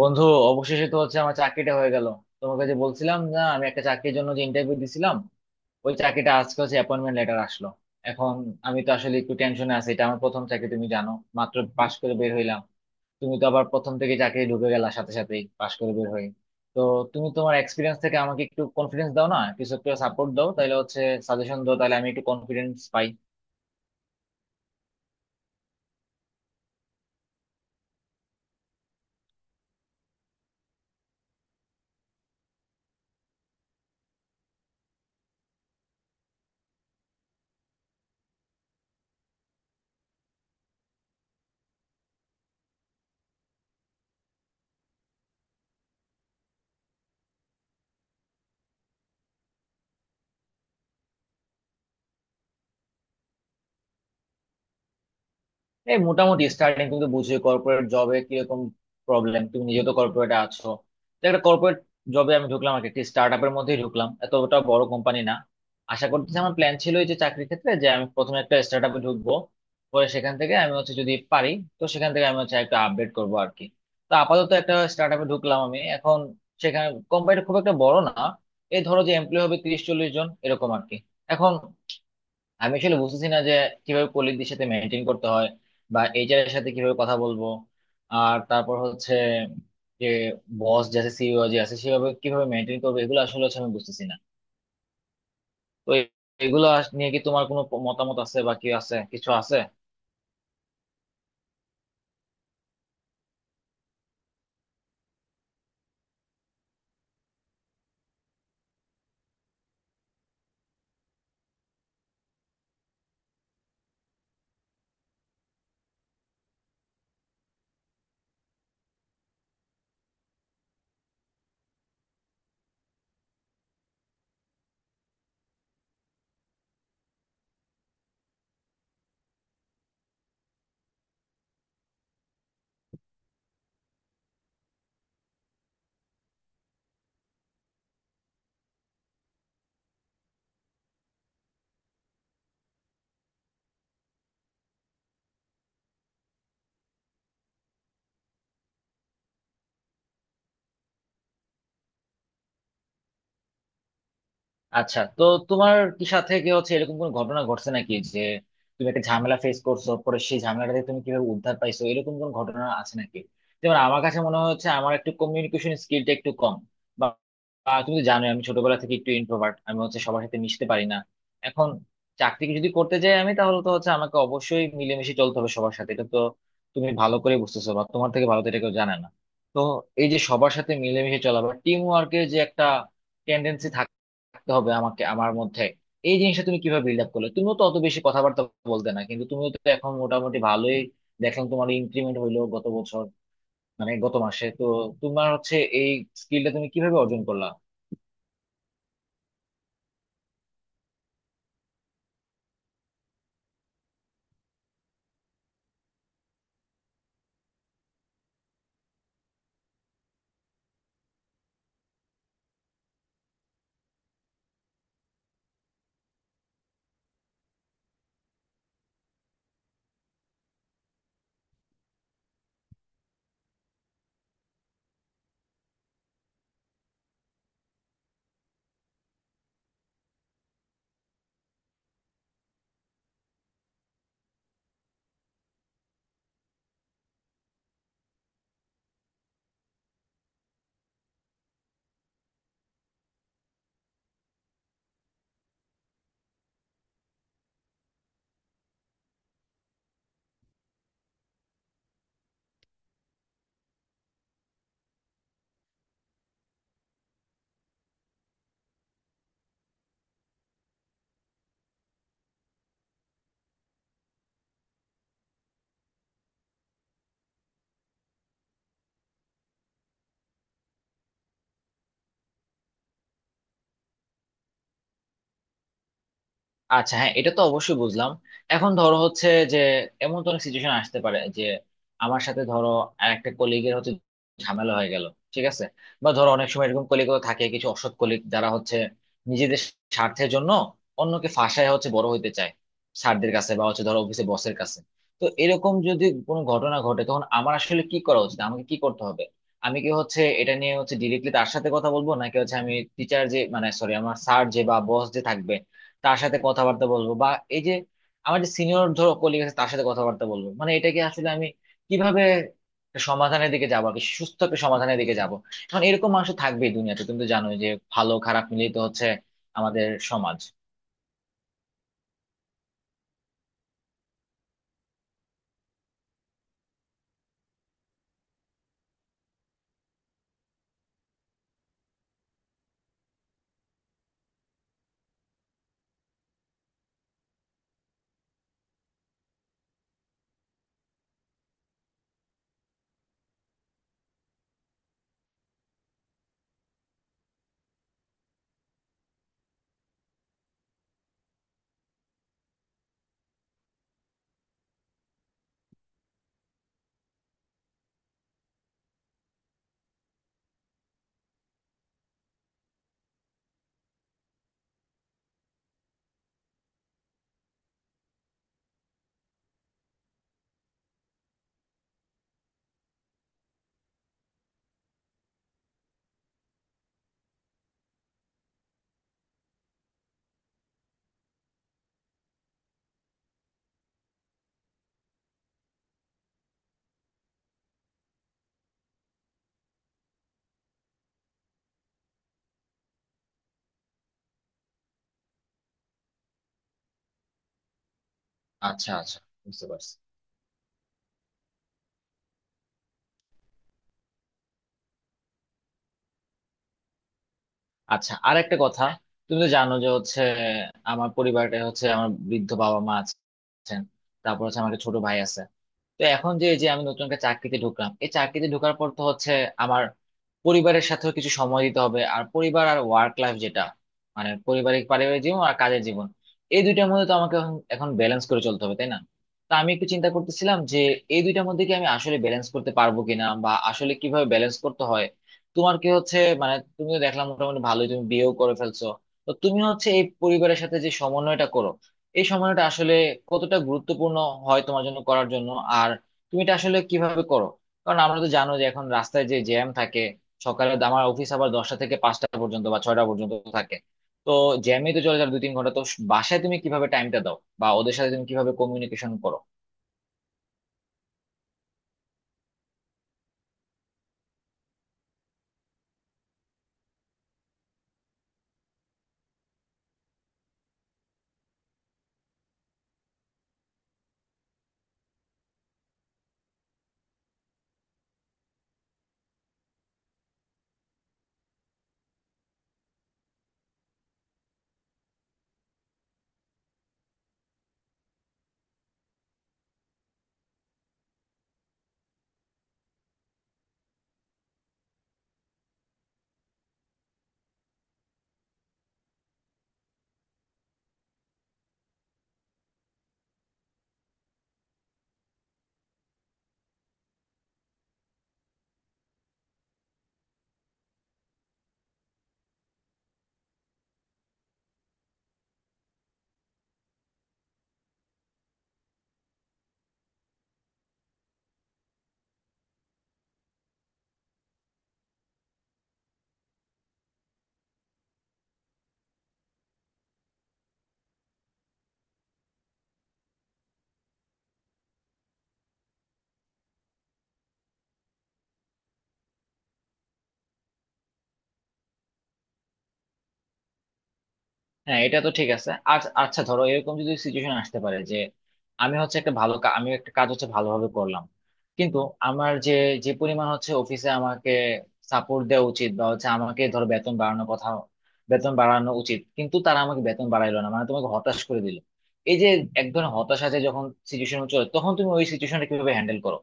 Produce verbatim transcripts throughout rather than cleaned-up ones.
বন্ধু, অবশেষে তো হচ্ছে আমার চাকরিটা হয়ে গেল। তোমাকে যে বলছিলাম না আমি একটা চাকরির জন্য যে ইন্টারভিউ দিছিলাম, ওই চাকরিটা আজকে হচ্ছে অ্যাপয়েন্টমেন্ট লেটার আসলো। এখন আমি তো আসলে একটু টেনশনে আছি, এটা আমার প্রথম চাকরি তুমি জানো। মাত্র পাশ করে বের হইলাম। তুমি তো আবার প্রথম থেকে চাকরি ঢুকে গেলা সাথে সাথেই পাশ করে বের হই। তো তুমি তোমার এক্সপিরিয়েন্স থেকে আমাকে একটু কনফিডেন্স দাও না, কিছু একটু সাপোর্ট দাও তাহলে হচ্ছে সাজেশন দাও তাহলে আমি একটু কনফিডেন্স পাই। এই মোটামুটি স্টার্টিং তুমি তো বুঝছো কর্পোরেট জবে কিরকম প্রবলেম, তুমি নিজে তো কর্পোরেটে আছো। তো একটা কর্পোরেট জবে আমি ঢুকলাম আর কি, একটি স্টার্ট আপের মধ্যেই ঢুকলাম, এতটা বড় কোম্পানি না। আশা করতেছি, আমার প্ল্যান ছিল এই যে চাকরির ক্ষেত্রে যে আমি প্রথমে একটা স্টার্ট আপে ঢুকবো, পরে সেখান থেকে আমি হচ্ছে যদি পারি তো সেখান থেকে আমি হচ্ছে একটা আপডেট করবো আর কি। তো আপাতত একটা স্টার্ট আপে ঢুকলাম আমি এখন। সেখানে কোম্পানিটা খুব একটা বড় না, এই ধরো যে এমপ্লয় হবে তিরিশ চল্লিশ জন এরকম আর কি। এখন আমি আসলে বুঝতেছি না যে কিভাবে কলিগদের সাথে মেনটেন করতে হয়, বা এইচআর এর সাথে কিভাবে কথা বলবো, আর তারপর হচ্ছে যে বস যে আছে সিইও যে আছে সেভাবে কিভাবে মেনটেন করবো, এগুলো আসলে হচ্ছে আমি বুঝতেছি না। তো এ- এগুলো আস- নিয়ে কি তোমার কোনো প- মতামত আছে বা কি আছে কিছু আছে? আচ্ছা, তো তোমার কি সাথে কি হচ্ছে এরকম কোনো ঘটনা ঘটছে নাকি যে তুমি একটা ঝামেলা ফেস করছো, পরে সেই ঝামেলাটা থেকে তুমি কিভাবে উদ্ধার পাইছো এরকম কোন ঘটনা আছে নাকি? যেমন আমার কাছে মনে হচ্ছে আমার একটু কমিউনিকেশন স্কিলটা একটু কম, বা বা তুমি তো জানোই আমি ছোটবেলা থেকে একটু ইন্ট্রোভার্ট, আমি হচ্ছে সবার সাথে মিশতে পারি না। এখন চাকরিকে যদি করতে যাই আমি তাহলে তো হচ্ছে আমাকে অবশ্যই মিলেমিশে চলতে হবে সবার সাথে, এটা তো তুমি ভালো করে বুঝতেছো বা তোমার থেকে ভালো তো এটা কেউ জানে না। তো এই যে সবার সাথে মিলেমিশে চলা বা টিম ওয়ার্কের যে একটা রাখতে হবে আমাকে আমার মধ্যে, এই জিনিসটা তুমি কিভাবে বিল্ড আপ করলে? তুমিও তো অত বেশি কথাবার্তা বলতে না কিন্তু, তুমিও তো এখন মোটামুটি ভালোই। দেখলাম তোমার ইনক্রিমেন্ট হইলো গত বছর মানে গত মাসে তো। তোমার হচ্ছে এই স্কিলটা তুমি কিভাবে অর্জন করলা? আচ্ছা হ্যাঁ, এটা তো অবশ্যই বুঝলাম। এখন ধরো হচ্ছে যে এমন তো অনেক সিচুয়েশন আসতে পারে যে আমার সাথে ধরো আরেকটা কলিগের হচ্ছে ঝামেলা হয়ে গেল, ঠিক আছে। বা ধরো অনেক সময় এরকম কলিগও থাকে, কিছু অসৎ কলিগ যারা হচ্ছে নিজেদের স্বার্থের জন্য অন্যকে ফাঁসায় হচ্ছে বড় হইতে চায় স্যারদের কাছে বা হচ্ছে ধরো অফিসে বসের কাছে। তো এরকম যদি কোনো ঘটনা ঘটে তখন আমার আসলে কি করা উচিত, আমাকে কি করতে হবে? আমি কি হচ্ছে এটা নিয়ে হচ্ছে ডিরেক্টলি তার সাথে কথা বলবো, নাকি হচ্ছে আমি টিচার যে মানে সরি আমার স্যার যে বা বস যে থাকবে তার সাথে কথাবার্তা বলবো, বা এই যে আমার যে সিনিয়র ধরো কলিগ আছে তার সাথে কথাবার্তা বলবো, মানে এটাকে আসলে আমি কিভাবে একটা সমাধানের দিকে যাবো আর কি, সুস্থ একটা সমাধানের দিকে যাবো? এখন এরকম মানুষ তো থাকবেই দুনিয়াতে, তুমি তো জানোই যে ভালো খারাপ মিলিয়ে তো হচ্ছে আমাদের সমাজ। আচ্ছা আচ্ছা, বুঝতে পারছি। আচ্ছা আর একটা কথা, তুমি তো জানো যে হচ্ছে আমার পরিবারটা হচ্ছে আমার বৃদ্ধ বাবা মা আছেন, তারপর হচ্ছে আমার একটা ছোট ভাই আছে। তো এখন যে যে আমি নতুন একটা চাকরিতে ঢুকলাম, এই চাকরিতে ঢোকার পর তো হচ্ছে আমার পরিবারের সাথেও কিছু সময় দিতে হবে। আর পরিবার আর ওয়ার্ক লাইফ যেটা মানে পারিবারিক পারিবারিক জীবন আর কাজের জীবন, এই দুইটার মধ্যে তো আমাকে এখন এখন ব্যালেন্স করে চলতে হবে তাই না? তো আমি একটু চিন্তা করতেছিলাম যে এই দুইটার মধ্যে কি আমি আসলে ব্যালেন্স করতে পারবো কিনা, বা আসলে কিভাবে ব্যালেন্স করতে হয়। তোমার কি হচ্ছে মানে তুমি তো দেখলাম মোটামুটি ভালোই, তুমি বিয়েও করে ফেলছো। তো তুমি হচ্ছে এই পরিবারের সাথে যে সমন্বয়টা করো, এই সময়টা আসলে কতটা গুরুত্বপূর্ণ হয় তোমার জন্য করার জন্য, আর তুমি এটা আসলে কিভাবে করো? কারণ আমরা তো জানো যে এখন রাস্তায় যে জ্যাম থাকে, সকালে তো আমার অফিস আবার দশটা থেকে পাঁচটা পর্যন্ত বা ছয়টা পর্যন্ত থাকে। তো জ্যামে তো চলে যায় দুই তিন ঘন্টা তো, বাসায় তুমি কিভাবে টাইমটা দাও বা ওদের সাথে তুমি কিভাবে কমিউনিকেশন করো? হ্যাঁ এটা তো ঠিক আছে। আর আচ্ছা ধরো এরকম যদি সিচুয়েশন আসতে পারে যে আমি হচ্ছে একটা ভালো কা- আমি একটা কাজ হচ্ছে ভালোভাবে করলাম, কিন্তু আমার যে যে পরিমাণ হচ্ছে অফিসে আমাকে সাপোর্ট দেওয়া উচিত বা হচ্ছে আমাকে ধরো বেতন বাড়ানোর কথা, বেতন বাড়ানো উচিত কিন্তু তারা আমাকে বেতন বাড়াইলো না মানে তোমাকে হতাশ করে দিল। এই যে এক ধরনের হতাশা, যে যখন সিচুয়েশন চলে তখন তুমি ওই সিচুয়েশনটা কিভাবে হ্যান্ডেল করো?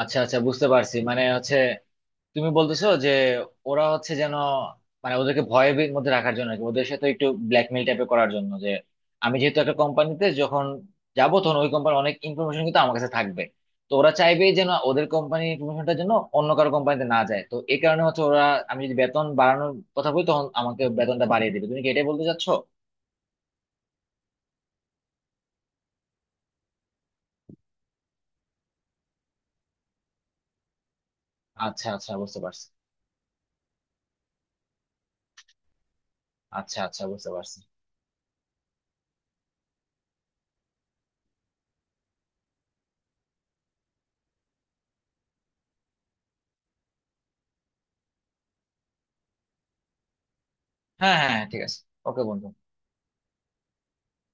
আচ্ছা আচ্ছা, বুঝতে পারছি। মানে হচ্ছে তুমি বলতেছো যে ওরা হচ্ছে যেন মানে ওদেরকে ভয়ের বি- মধ্যে রাখার জন্য আর কি, ওদের সাথে একটু ব্ল্যাকমেল টাইপের করার জন্য, যে আমি যেহেতু একটা কোম্পানিতে যখন যাবো তখন ওই কোম্পানির অনেক ইনফরমেশন কিন্তু আমার কাছে থাকবে। তো ওরা চাইবেই যেন ওদের কোম্পানির ইনফরমেশনটা যেন অন্য কারো কোম্পানিতে না যায়, তো এই কারণে হচ্ছে ওরা আমি যদি বেতন বাড়ানোর কথা বলি তখন আমাকে বেতনটা বাড়িয়ে দিবে, তুমি কি এটাই বলতে চাচ্ছো? আচ্ছা আচ্ছা বুঝতে পারছি। আচ্ছা আচ্ছা বুঝতে পারছি। হ্যাঁ হ্যাঁ হ্যাঁ, ঠিক আছে। ওকে বন্ধু।